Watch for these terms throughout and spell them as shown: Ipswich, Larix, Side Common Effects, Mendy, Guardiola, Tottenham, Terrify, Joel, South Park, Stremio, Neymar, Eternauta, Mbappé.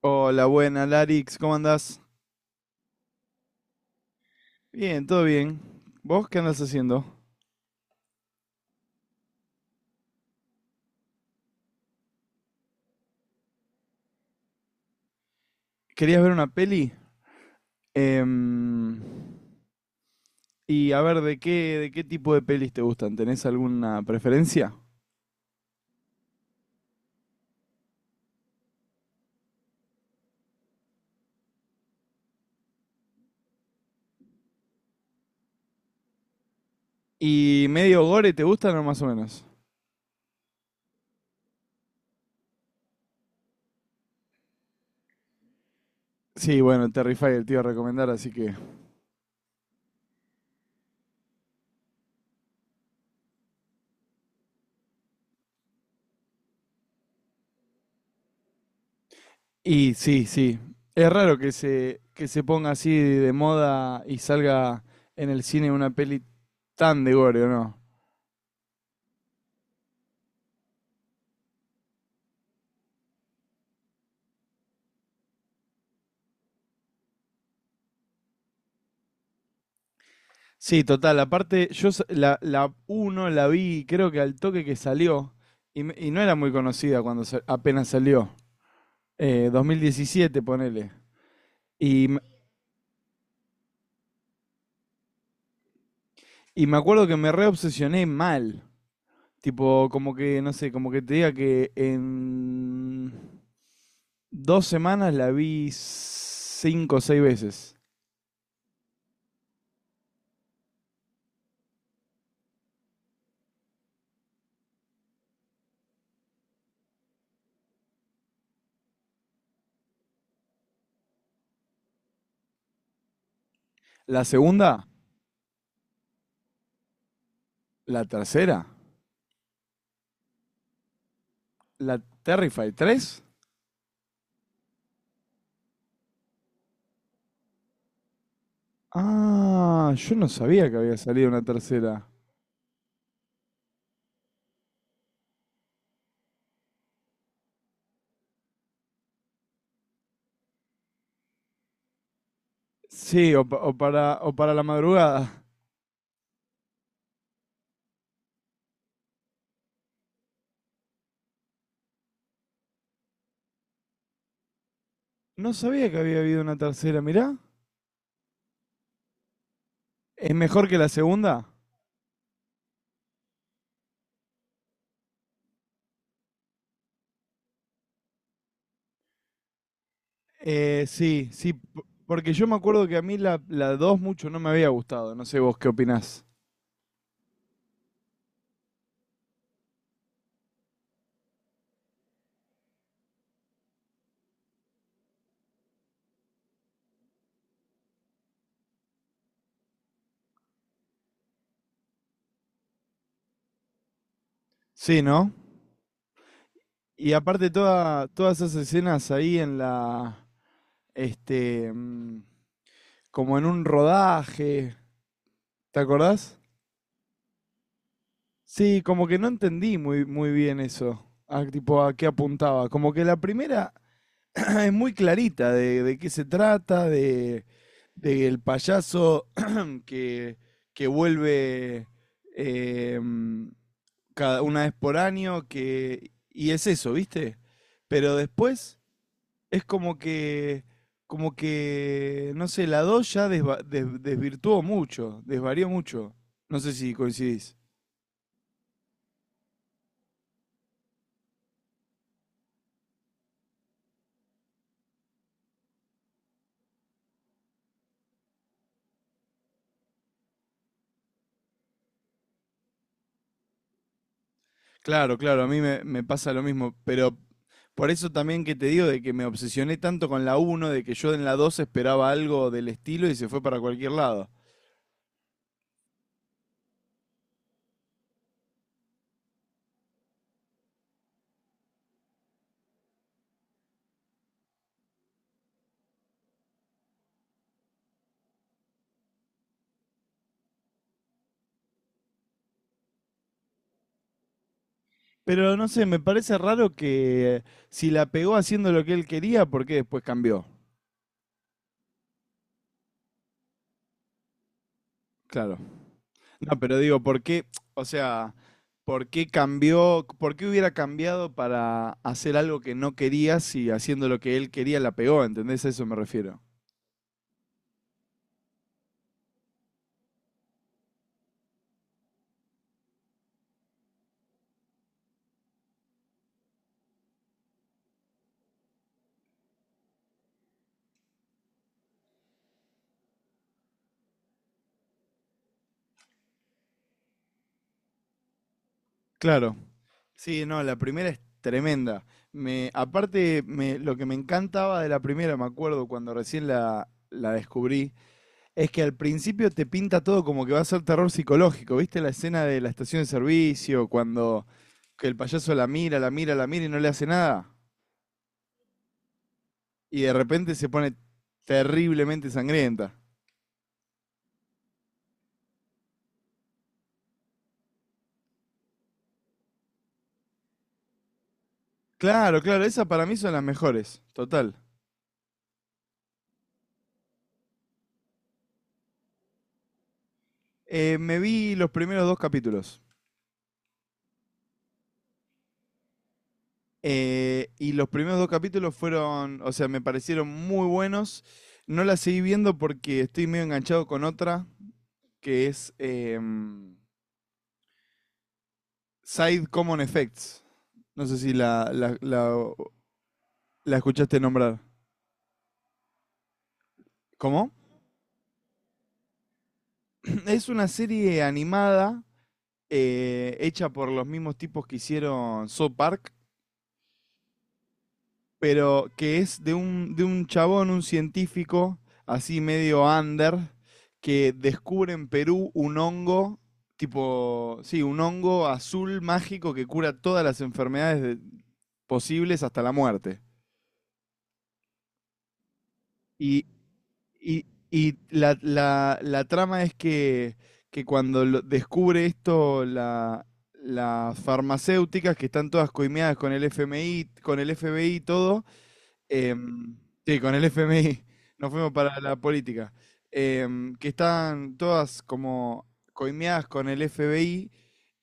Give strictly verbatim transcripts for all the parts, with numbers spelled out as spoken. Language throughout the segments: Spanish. Hola, buena, Larix, ¿cómo andás? Bien, todo bien. ¿Vos qué andás haciendo? ¿Querías ver una peli? Em, y a ver, ¿de qué, de qué tipo de pelis te gustan? ¿Tenés alguna preferencia? ¿Y medio gore te gustan o más o menos? Sí, bueno, Terrify el tío a recomendar, así que... Y sí, sí. Es raro que se, que se ponga así de moda y salga en el cine una peli tan de gore, ¿o no? Sí, total. Aparte, yo sa- la, la uno la vi, creo que al toque que salió, y, me- y no era muy conocida cuando sa- apenas salió. Eh, dos mil diecisiete, ponele. Y, m- y me acuerdo que me reobsesioné mal. Tipo, como que, no sé, como que te diga que en dos semanas la vi cinco o seis veces. La segunda, la tercera, la Terrify tres. Ah, yo no sabía que había salido una tercera. Sí, o, pa- o para, o para la madrugada. No sabía que había habido una tercera, mirá. ¿Es mejor que la segunda? Eh, sí, sí, p- porque yo me acuerdo que a mí la, la dos mucho no me había gustado, no sé vos qué opinás. Sí, ¿no? Y aparte toda, todas esas escenas ahí en la, este, mm, como en un rodaje, ¿te acordás? Sí, como que no entendí muy, muy bien eso, a, tipo a qué apuntaba. Como que la primera es muy clarita de, de qué se trata, de, de el payaso que, que vuelve eh, cada una vez por año, que, y es eso, ¿viste? Pero después es como que, como que, no sé, la dos ya desva- des- desvirtuó mucho, desvarió mucho. No sé si coincidís. Claro, claro, a mí me, me pasa lo mismo, pero por eso también que te digo de que me obsesioné tanto con la uno, de que yo en la dos esperaba algo del estilo y se fue para cualquier lado. Pero no sé, me parece raro que si la pegó haciendo lo que él quería, ¿por qué después cambió? Claro. No, pero digo, ¿por qué? O sea, ¿por qué cambió? ¿Por qué hubiera cambiado para hacer algo que no quería si haciendo lo que él quería la pegó? ¿Entendés? A eso me refiero. Claro. Sí, no, la primera es tremenda. Me, aparte, me, lo que me encantaba de la primera, me acuerdo cuando recién la, la descubrí, es que al principio te pinta todo como que va a ser terror psicológico. ¿Viste la escena de la estación de servicio, cuando que el payaso la mira, la mira, la mira y no le hace nada? Y de repente se pone terriblemente sangrienta. Claro, claro, esas para mí son las mejores, total. Eh, me vi los primeros dos capítulos. Eh, y los primeros dos capítulos fueron, o sea, me parecieron muy buenos. No la seguí viendo porque estoy medio enganchado con otra, que es em, Side Common Effects. No sé si la, la- la- la escuchaste nombrar. ¿Cómo? Es una serie animada eh, hecha por los mismos tipos que hicieron South Park, pero que es de un, de un chabón, un científico, así medio under, que descubre en Perú un hongo, tipo, sí, un hongo azul mágico que cura todas las enfermedades de- posibles hasta la muerte. Y, y- y la, la- la trama es que, que cuando lo- descubre esto la- las farmacéuticas, que están todas coimeadas con el F M I, con el F B I y todo, em, sí, con el F M I nos fuimos para la política, em, que están todas como coimeadas con el F B I,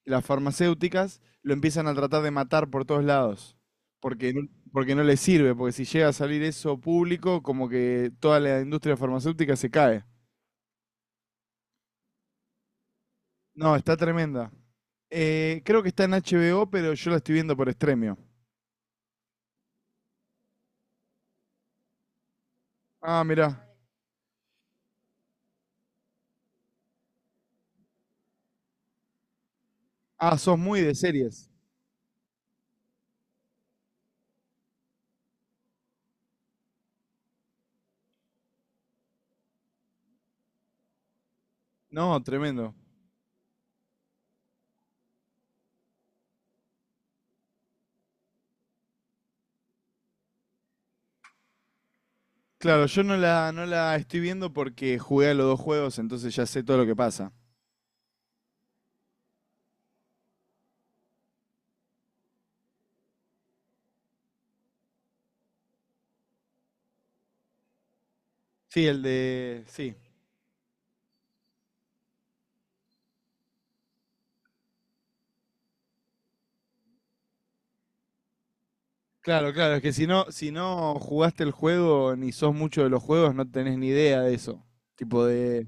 las farmacéuticas lo empiezan a tratar de matar por todos lados, porque no, porque no les sirve, porque si llega a salir eso público, como que toda la industria farmacéutica se cae. No, está tremenda. Eh, creo que está en H B O, pero yo la estoy viendo por Stremio. Ah, mirá. Ah, sos muy de series. No, tremendo. Claro, yo no la, no la estoy viendo porque jugué a los dos juegos, entonces ya sé todo lo que pasa. Sí, el de... Sí. Claro, claro, es que si no, si no jugaste el juego ni sos mucho de los juegos, no tenés ni idea de eso. Tipo de...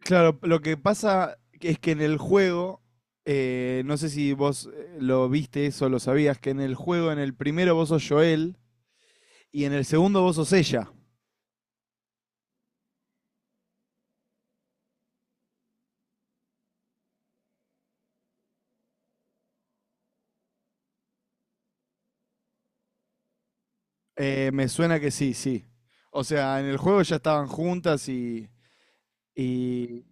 Claro, lo que pasa es que en el juego, eh, no sé si vos eh, lo viste eso, lo sabías, que en el juego, en el primero vos sos Joel y en el segundo vos sos ella. Eh, me suena que sí, sí. O sea, en el juego ya estaban juntas y... y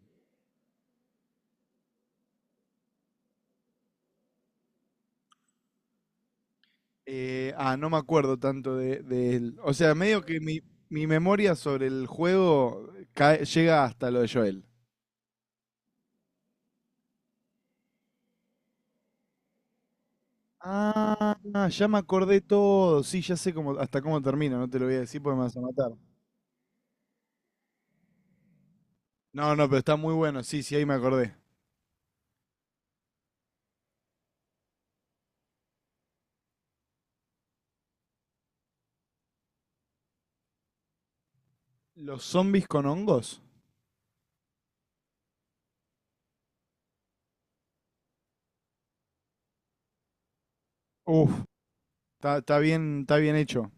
Eh, ah, no me acuerdo tanto de, de él. O sea, medio que mi, mi memoria sobre el juego cae- llega hasta lo de Joel. Ah, ya me acordé todo. Sí, ya sé cómo, hasta cómo termina. No te lo voy a decir porque me vas a matar. No, no, pero está muy bueno. Sí, sí, ahí me acordé. ¿Los zombies con hongos? Uf, está, está bien, está bien hecho.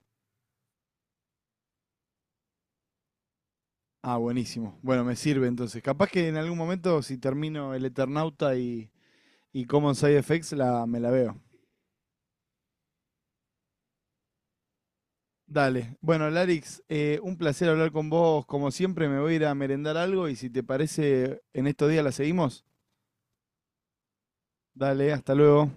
Ah, buenísimo. Bueno, me sirve entonces. Capaz que en algún momento, si termino el Eternauta y, y Common Side Effects, la, me la veo. Dale. Bueno, Larix, eh, un placer hablar con vos. Como siempre, me voy a ir a merendar algo y si te parece, en estos días la seguimos. Dale, hasta luego.